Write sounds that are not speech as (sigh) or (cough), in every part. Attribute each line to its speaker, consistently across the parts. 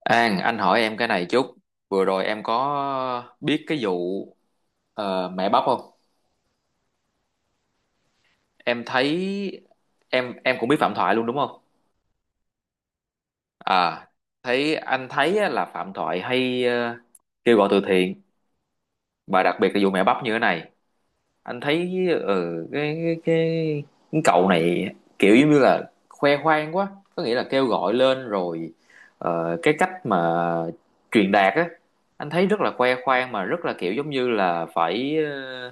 Speaker 1: An, anh hỏi em cái này chút. Vừa rồi em có biết cái vụ mẹ bắp không? Em thấy em cũng biết Phạm Thoại luôn đúng không? À, thấy anh thấy á, là Phạm Thoại hay kêu gọi từ thiện và đặc biệt là vụ mẹ bắp như thế này. Anh thấy cái cái cậu này kiểu giống như là khoe khoang quá, có nghĩa là kêu gọi lên rồi, cái cách mà truyền đạt á, anh thấy rất là khoe khoang mà rất là kiểu giống như là phải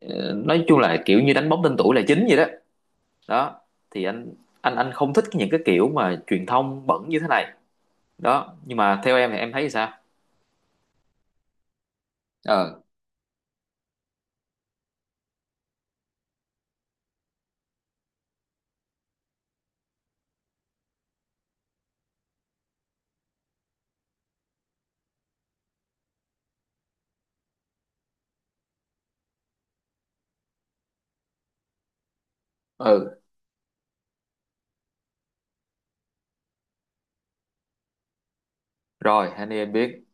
Speaker 1: Ờ, nói chung là kiểu như đánh bóng tên tuổi là chính vậy đó đó. Thì anh anh không thích những cái kiểu mà truyền thông bẩn như thế này đó. Nhưng mà theo em thì em thấy sao? Ờ, ừ, rồi Hania em biết.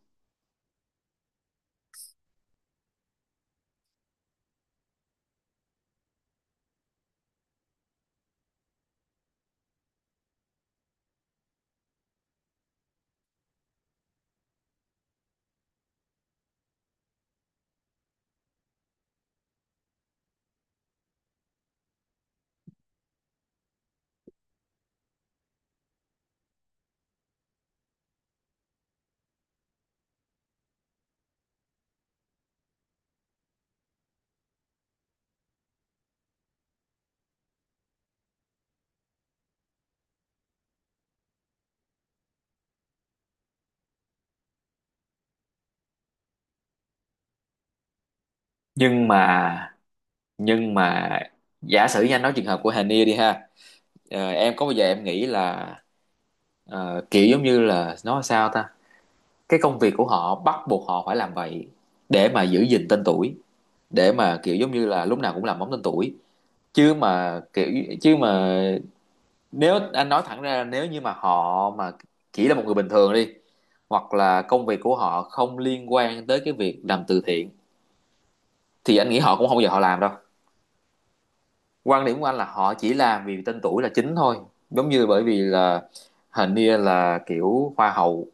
Speaker 1: Nhưng mà, nhưng mà giả sử như anh nói trường hợp của Hania đi ha. Em có bao giờ em nghĩ là kiểu giống như là nói sao ta, cái công việc của họ bắt buộc họ phải làm vậy để mà giữ gìn tên tuổi, để mà kiểu giống như là lúc nào cũng làm bóng tên tuổi. Chứ mà kiểu chứ mà nếu anh nói thẳng ra là nếu như mà họ mà chỉ là một người bình thường đi, hoặc là công việc của họ không liên quan tới cái việc làm từ thiện, thì anh nghĩ họ cũng không bao giờ họ làm đâu. Quan điểm của anh là họ chỉ làm vì tên tuổi là chính thôi, giống như bởi vì là hình như là kiểu hoa hậu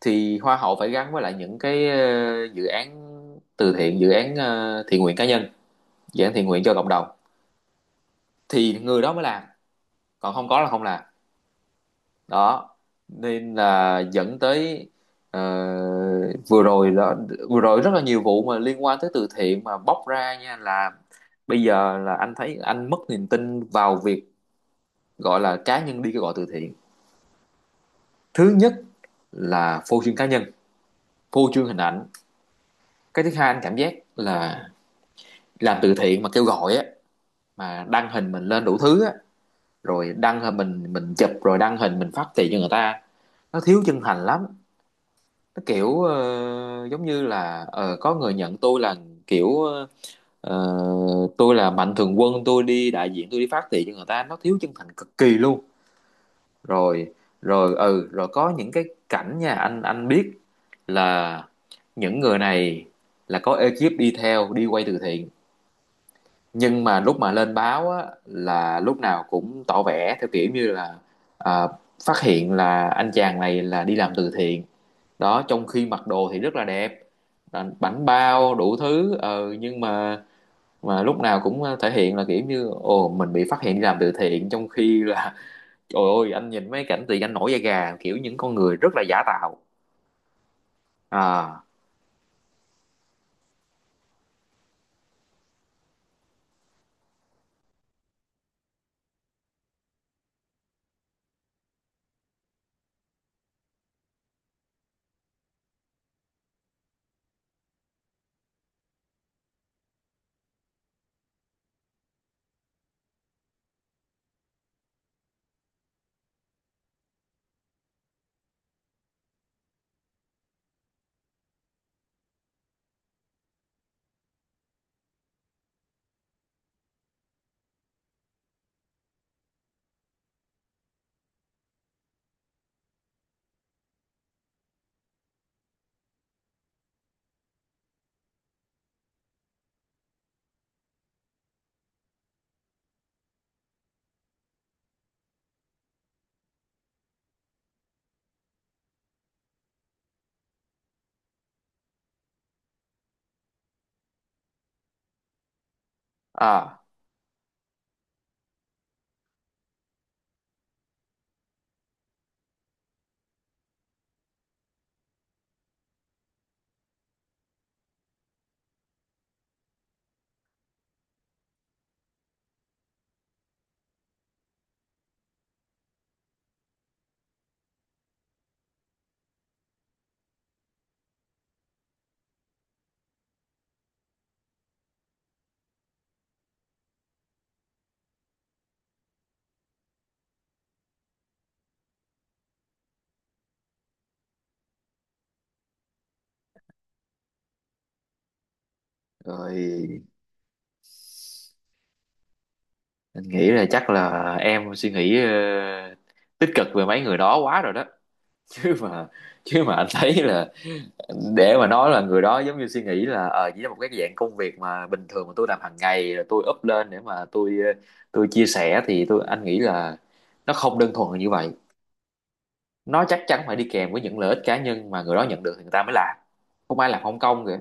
Speaker 1: thì hoa hậu phải gắn với lại những cái dự án từ thiện, dự án thiện nguyện cá nhân, dự án thiện nguyện cho cộng đồng thì người đó mới làm, còn không có là không làm đó. Nên là dẫn tới ờ, vừa rồi đó, vừa rồi rất là nhiều vụ mà liên quan tới từ thiện mà bóc ra nha. Là bây giờ là anh thấy anh mất niềm tin vào việc gọi là cá nhân đi kêu gọi từ thiện. Thứ nhất là phô trương cá nhân, phô trương hình ảnh. Cái thứ hai anh cảm giác là làm từ thiện mà kêu gọi á, mà đăng hình mình lên đủ thứ á, rồi đăng hình mình chụp rồi đăng hình mình phát tiền cho người ta, nó thiếu chân thành lắm. Nó kiểu giống như là có người nhận tôi là kiểu ờ, tôi là mạnh thường quân, tôi đi đại diện, tôi đi phát thị cho người ta, nó thiếu chân thành cực kỳ luôn. Rồi rồi ừ rồi có những cái cảnh nha, anh biết là những người này là có ekip đi theo đi quay từ thiện, nhưng mà lúc mà lên báo á, là lúc nào cũng tỏ vẻ theo kiểu như là à, phát hiện là anh chàng này là đi làm từ thiện đó, trong khi mặc đồ thì rất là đẹp, à, bảnh bao đủ thứ, nhưng mà lúc nào cũng thể hiện là kiểu như ồ mình bị phát hiện đi làm từ thiện, trong khi là (laughs) trời ơi anh nhìn mấy cảnh thì anh nổi da gà, kiểu những con người rất là giả tạo. À, à, rồi anh nghĩ là chắc là em suy nghĩ tích cực về mấy người đó quá rồi đó. (laughs) chứ mà chứ mà anh thấy là để mà nói là người đó giống như suy nghĩ là ờ chỉ là một cái dạng công việc mà bình thường mà tôi làm hàng ngày rồi tôi up lên để mà tôi tôi chia sẻ thì anh nghĩ là nó không đơn thuần là như vậy. Nó chắc chắn phải đi kèm với những lợi ích cá nhân mà người đó nhận được thì người ta mới làm, không ai làm không công kìa.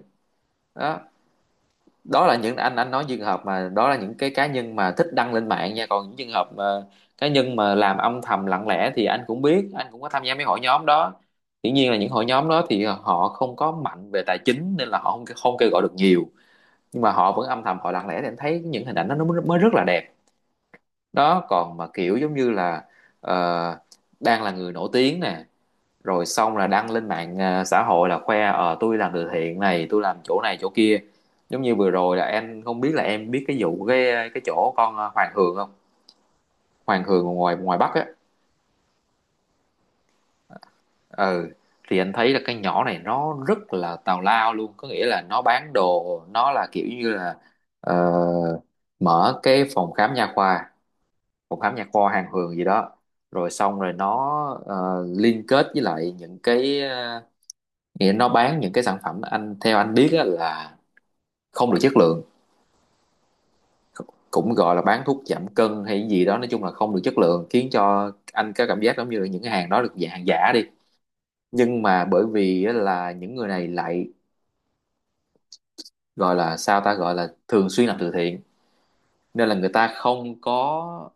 Speaker 1: Đó, đó là những, anh nói trường hợp mà đó là những cái cá nhân mà thích đăng lên mạng nha, còn những trường hợp mà cá nhân mà làm âm thầm lặng lẽ thì anh cũng biết, anh cũng có tham gia mấy hội nhóm đó. Dĩ nhiên là những hội nhóm đó thì họ không có mạnh về tài chính nên là họ không không kêu gọi được nhiều, nhưng mà họ vẫn âm thầm họ lặng lẽ để anh thấy những hình ảnh đó nó mới mới rất là đẹp. Đó, còn mà kiểu giống như là ờ, đang là người nổi tiếng nè, rồi xong là đăng lên mạng à, xã hội là khoe ờ tôi làm từ thiện này, tôi làm chỗ này chỗ kia. Giống như vừa rồi là em không biết là em biết cái vụ cái chỗ con à, Hoàng Hường không? Hoàng Hường ngoài ngoài Bắc á. Ừ, thì anh thấy là cái nhỏ này nó rất là tào lao luôn. Có nghĩa là nó bán đồ, nó là kiểu như là ờ, mở cái phòng khám nha khoa, phòng khám nha khoa Hoàng Hường gì đó, rồi xong rồi nó liên kết với lại những cái à, nghĩa nó bán những cái sản phẩm anh theo anh biết á, là không được chất lượng, cũng gọi là bán thuốc giảm cân hay gì đó, nói chung là không được chất lượng, khiến cho anh có cảm giác giống như là những cái hàng đó được dạng hàng giả đi. Nhưng mà bởi vì á, là những người này lại gọi là sao ta, gọi là thường xuyên làm từ thiện, nên là người ta không có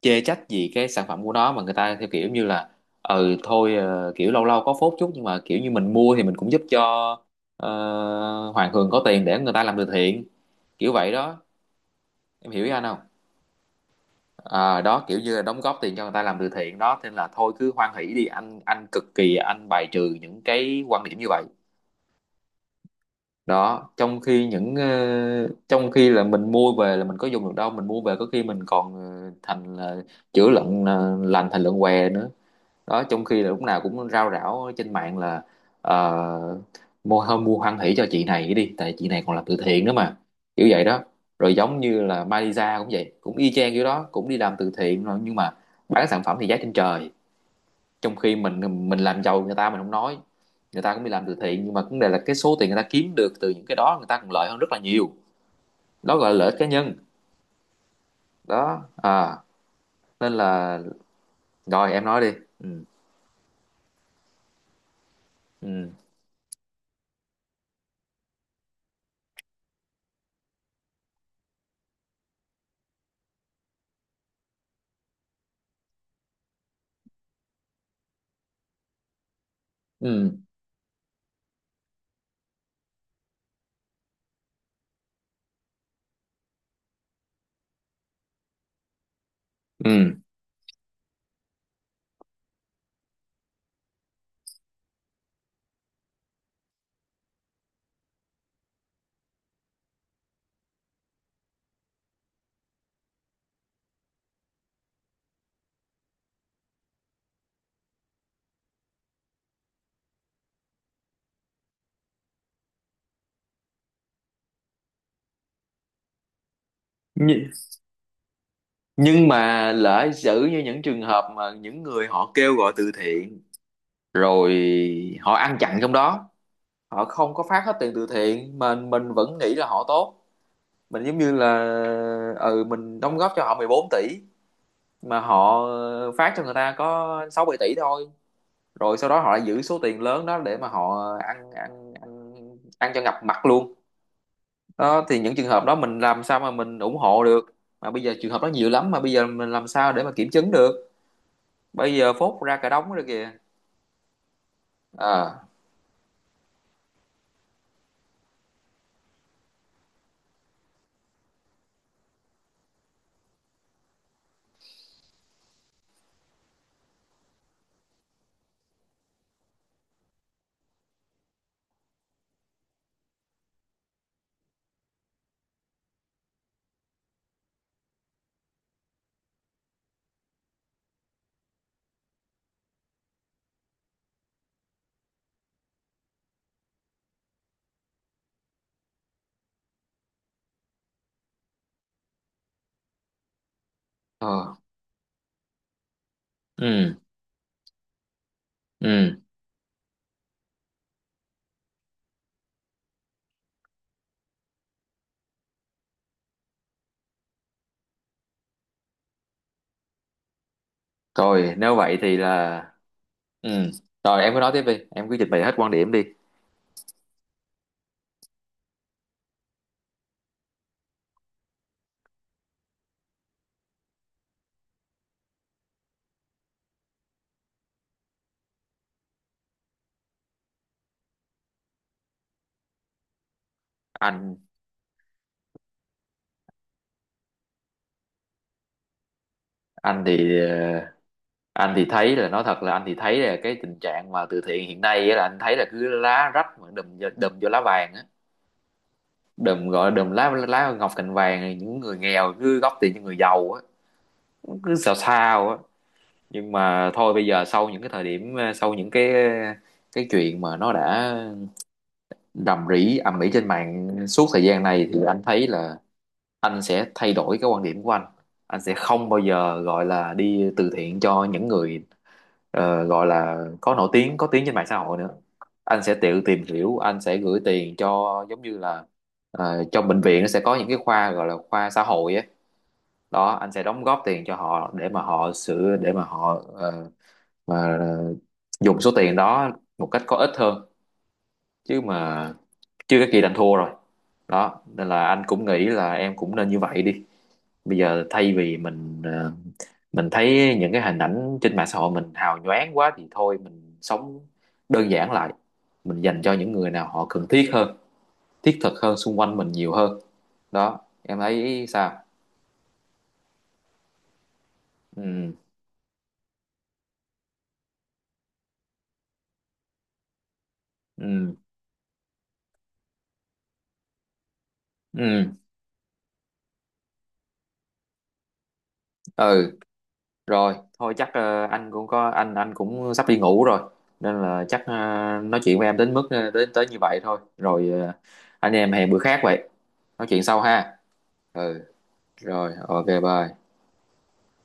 Speaker 1: chê trách gì cái sản phẩm của nó, mà người ta theo kiểu như là ừ thôi kiểu lâu lâu có phốt chút nhưng mà kiểu như mình mua thì mình cũng giúp cho ờ, Hoàng Hường có tiền để người ta làm từ thiện, kiểu vậy đó. Em hiểu ý anh không? À, đó kiểu như là đóng góp tiền cho người ta làm từ thiện đó, nên là thôi cứ hoan hỷ đi, anh cực kỳ anh bài trừ những cái quan điểm như vậy. Đó, trong khi những trong khi là mình mua về là mình có dùng được đâu, mình mua về có khi mình còn thành là chữa lợn lành thành lợn què nữa. Đó, trong khi là lúc nào cũng rao rảo trên mạng là ờ, mua hơn mua hoan hỷ cho chị này đi, tại chị này còn làm từ thiện nữa mà, kiểu vậy đó. Rồi giống như là Malaysia cũng vậy, cũng y chang kiểu đó, cũng đi làm từ thiện rồi, nhưng mà bán sản phẩm thì giá trên trời, trong khi mình làm giàu người ta mình không nói, người ta cũng đi làm từ thiện, nhưng mà vấn đề là cái số tiền người ta kiếm được từ những cái đó người ta còn lợi hơn rất là nhiều. Đó gọi là lợi ích cá nhân. Đó, à, nên là, rồi em nói đi. ừ ừ ừ ừ nhưng mà lỡ xử như những trường hợp mà những người họ kêu gọi từ thiện rồi họ ăn chặn trong đó, họ không có phát hết tiền từ thiện mà mình vẫn nghĩ là họ tốt. Mình giống như là ừ mình đóng góp cho họ 14 tỷ mà họ phát cho người ta có 6 7 tỷ thôi, rồi sau đó họ lại giữ số tiền lớn đó để mà họ ăn ăn cho ngập mặt luôn. Đó thì những trường hợp đó mình làm sao mà mình ủng hộ được? Mà bây giờ trường hợp đó nhiều lắm, mà bây giờ mình làm sao để mà kiểm chứng được? Bây giờ phốt ra cả đống rồi kìa. ờ ờ ừ ừ Rồi nếu vậy thì là, ừ rồi em cứ nói tiếp đi, em cứ trình bày hết quan điểm đi. anh anh thì anh thì thấy là, nói thật là anh thì thấy là cái tình trạng mà từ thiện hiện nay á, là anh thấy là cứ lá rách mà đùm vô lá vàng á, đùm gọi là đùm lá lá ngọc cành vàng này, những người nghèo cứ góp tiền cho người giàu á, cứ sao sao á. Nhưng mà thôi, bây giờ sau những cái thời điểm sau những cái chuyện mà nó đã rầm rĩ ầm ĩ trên mạng suốt thời gian này thì anh thấy là anh sẽ thay đổi cái quan điểm của anh. Anh sẽ không bao giờ gọi là đi từ thiện cho những người gọi là có nổi tiếng có tiếng trên mạng xã hội nữa. Anh sẽ tự tìm hiểu, anh sẽ gửi tiền cho giống như là trong bệnh viện nó sẽ có những cái khoa gọi là khoa xã hội ấy. Đó, anh sẽ đóng góp tiền cho họ để mà họ sửa, để mà họ mà ờ, dùng số tiền đó một cách có ích hơn. Chứ mà chưa cái kỳ đành thua rồi. Đó, nên là anh cũng nghĩ là em cũng nên như vậy đi. Bây giờ thay vì mình mình thấy những cái hình ảnh trên mạng xã hội mình hào nhoáng quá thì thôi mình sống đơn giản lại, mình dành cho những người nào họ cần thiết hơn, thiết thực hơn, xung quanh mình nhiều hơn. Đó, em thấy sao? ừ ừ ừ ừ ừ. Rồi, thôi chắc anh cũng có anh cũng sắp đi ngủ rồi. Nên là chắc nói chuyện với em đến mức đến tới như vậy thôi. Rồi anh em hẹn bữa khác vậy. Nói chuyện sau ha. Ừ, rồi, ok bye.